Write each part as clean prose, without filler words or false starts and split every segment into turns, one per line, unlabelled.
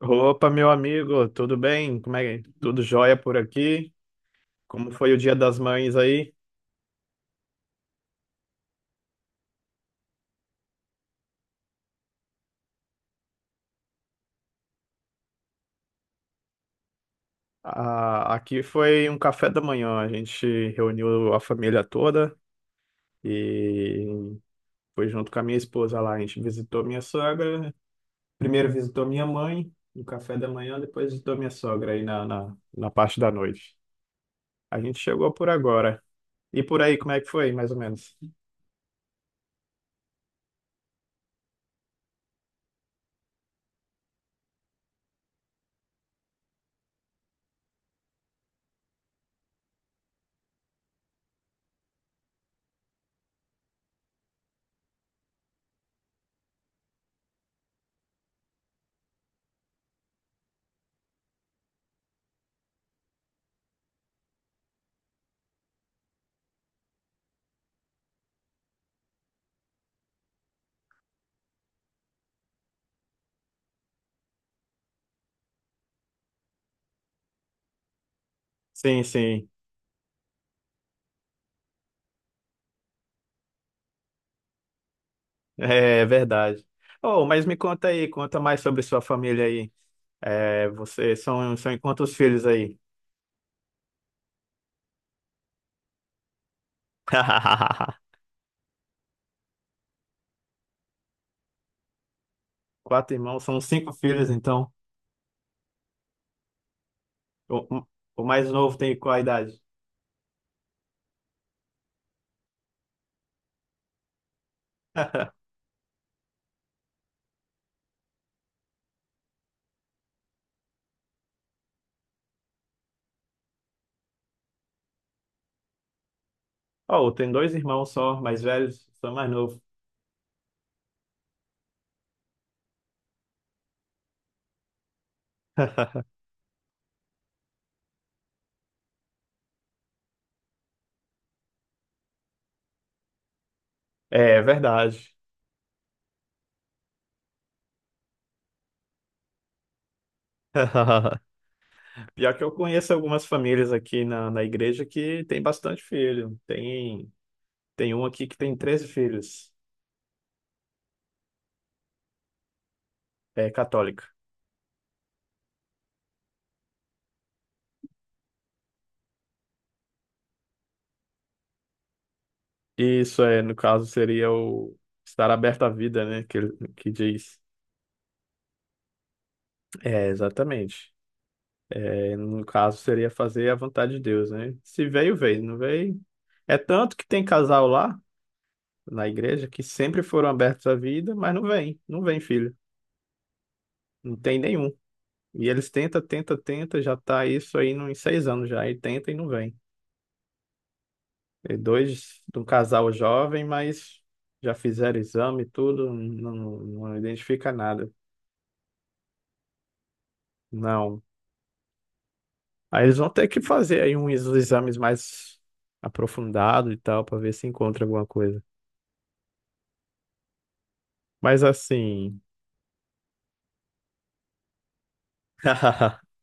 Opa, meu amigo, tudo bem? Como é que tudo jóia por aqui? Como foi o Dia das Mães aí? Ah, aqui foi um café da manhã, a gente reuniu a família toda e foi junto com a minha esposa lá. A gente visitou minha sogra, primeiro visitou minha mãe no café da manhã, depois visitou minha sogra aí na parte da noite. A gente chegou por agora. E por aí, como é que foi, mais ou menos? Sim, sim. É verdade. Oh, mas me conta aí, conta mais sobre sua família aí. É, vocês são em quantos filhos aí? Quatro irmãos, são cinco filhos, então. O, o mais novo tem qual a idade? Oh, tem dois irmãos só, mais velhos, sou mais novo. É verdade. Pior que eu conheço algumas famílias aqui na igreja que tem bastante filho. Tem um aqui que tem 13 filhos, é católica. Isso é, no caso, seria o estar aberto à vida, né? Que diz. É, exatamente. É, no caso, seria fazer a vontade de Deus, né? Se veio, veio. Não veio. É tanto que tem casal lá na igreja que sempre foram abertos à vida, mas não vem. Não vem, filho. Não tem nenhum. E eles tenta, tenta, tenta, já tá isso aí nos 6 anos já. E tenta e não vem. E dois de um casal jovem, mas já fizeram exame e tudo, não identifica nada. Não. Aí eles vão ter que fazer aí uns exames mais aprofundados e tal, para ver se encontra alguma coisa. Mas assim.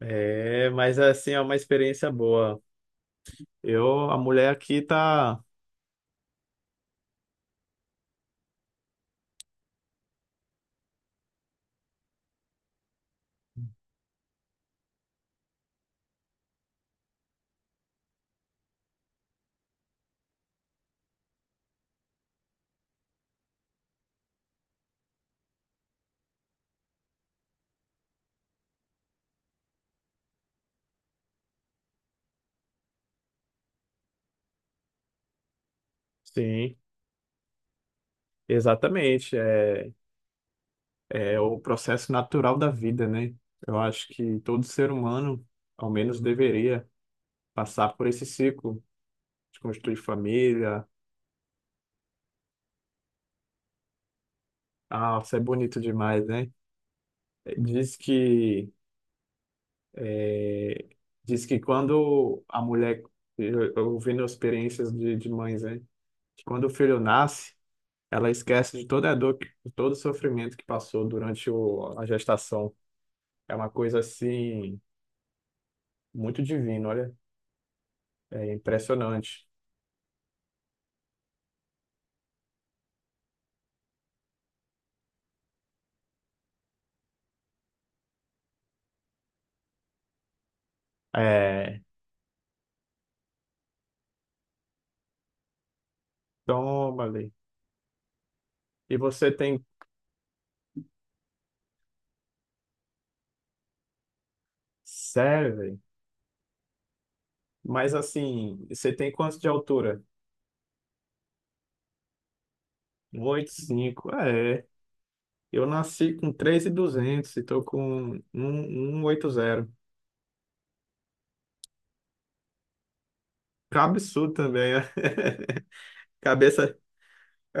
É, mas assim, é uma experiência boa. Eu, a mulher aqui tá. Sim, exatamente. É, é o processo natural da vida, né? Eu acho que todo ser humano, ao menos, deveria passar por esse ciclo de construir família. Ah, isso é bonito demais, né? Diz que é, diz que quando a mulher, eu ouvindo experiências de mães, né? Que quando o filho nasce, ela esquece de toda a dor, de todo o sofrimento que passou durante a gestação. É uma coisa assim muito divina, olha, é impressionante. É, toma ali. E você tem, sério, velho? Mas assim, você tem quanto de altura? Um 1,85. É. Eu nasci com 3.200 e duzentos e tô com 1.180. Que absurdo também, né? Cabeça.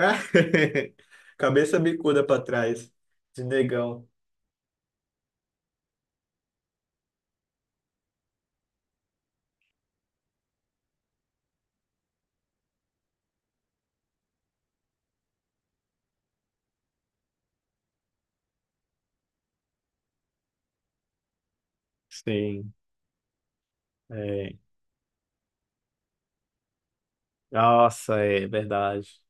Cabeça bicuda para trás, de negão. Sim, é. Nossa, é verdade.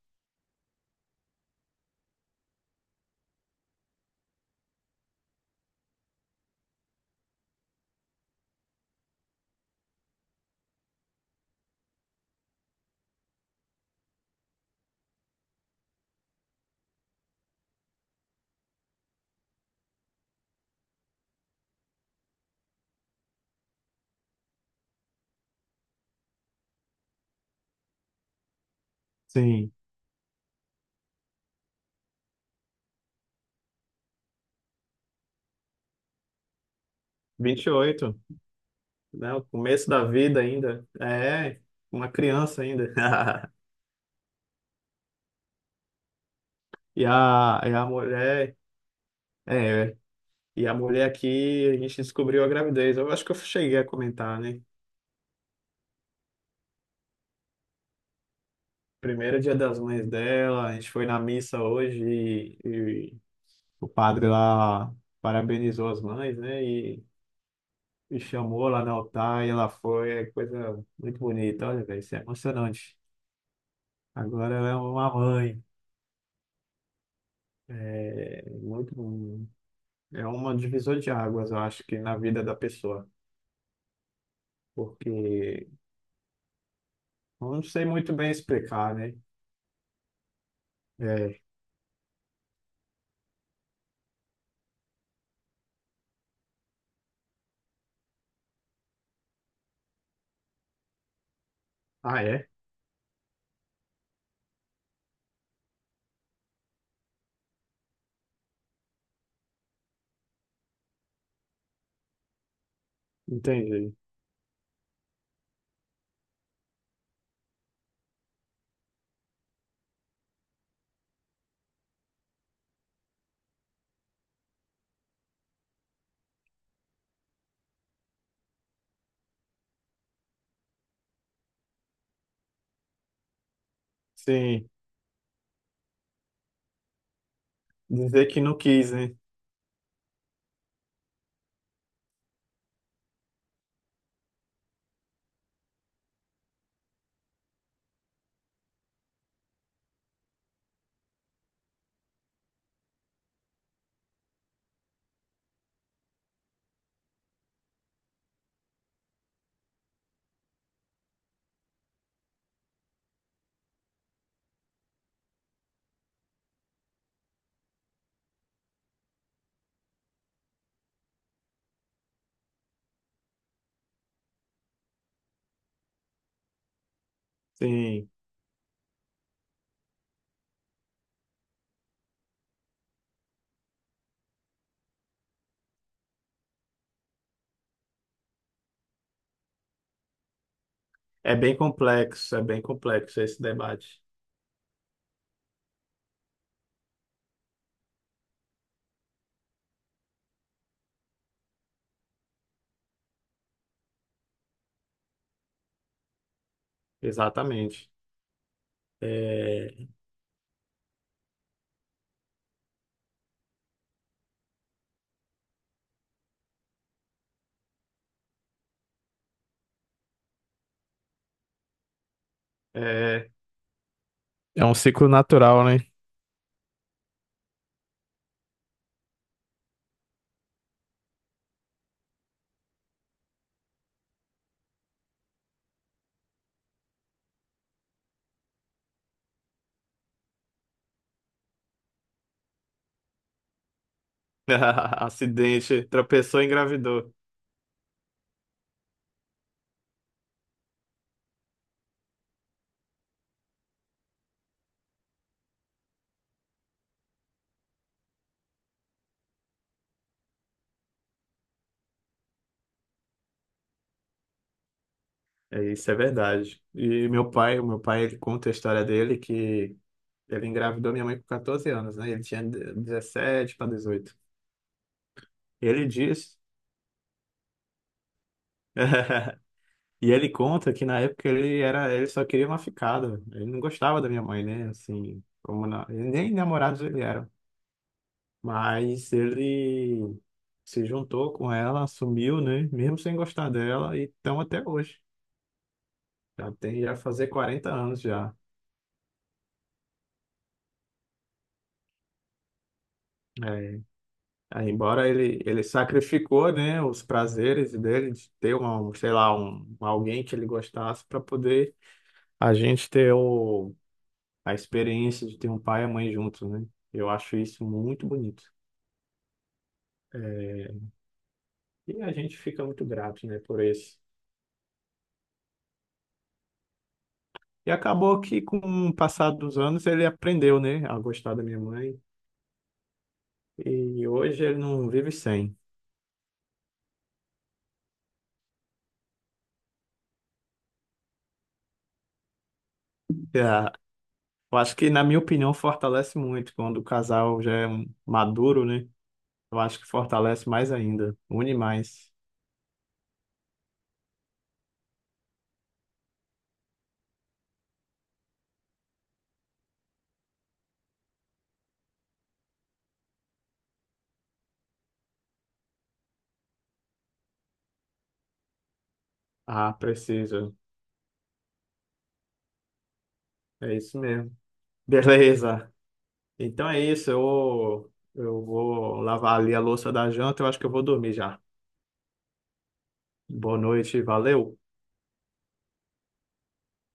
Sim. 28, né? O começo da vida ainda. É, uma criança ainda. E a mulher. É, e a mulher aqui, a gente descobriu a gravidez. Eu acho que eu cheguei a comentar, né? Primeiro dia das mães dela, a gente foi na missa hoje e o padre lá parabenizou as mães, né? E chamou lá no altar e ela foi, é coisa muito bonita, olha, velho, isso é emocionante. Agora ela é uma mãe, é muito, é uma divisor de águas, eu acho que na vida da pessoa, porque eu não sei muito bem explicar, né? É, ah, é? Entendi. Sim, dizer que não quis, né? Sim. É bem complexo esse debate. Exatamente. É, é. É um ciclo natural, né? Acidente, tropeçou e engravidou. É, isso é verdade. E o meu pai, ele conta a história dele que ele engravidou minha mãe com 14 anos, né? Ele tinha 17 para 18. Ele diz, e ele conta que na época ele só queria uma ficada. Ele não gostava da minha mãe, né? Assim, como nem namorados ele era. Mas ele se juntou com ela, assumiu, né? Mesmo sem gostar dela, e estão até hoje. Já fazer 40 anos já. É. Aí, embora ele sacrificou, né, os prazeres dele de ter um, sei lá, um, alguém que ele gostasse para poder a gente ter a experiência de ter um pai e a mãe juntos, né? Eu acho isso muito bonito. É, e a gente fica muito grato, né, por isso. E acabou que, com o passar dos anos, ele aprendeu, né, a gostar da minha mãe. E hoje ele não vive sem. É, eu acho que, na minha opinião, fortalece muito quando o casal já é maduro, né? Eu acho que fortalece mais ainda, une mais. Ah, precisa. É isso mesmo. Beleza. Então é isso. Eu vou lavar ali a louça da janta. Eu acho que eu vou dormir já. Boa noite, valeu.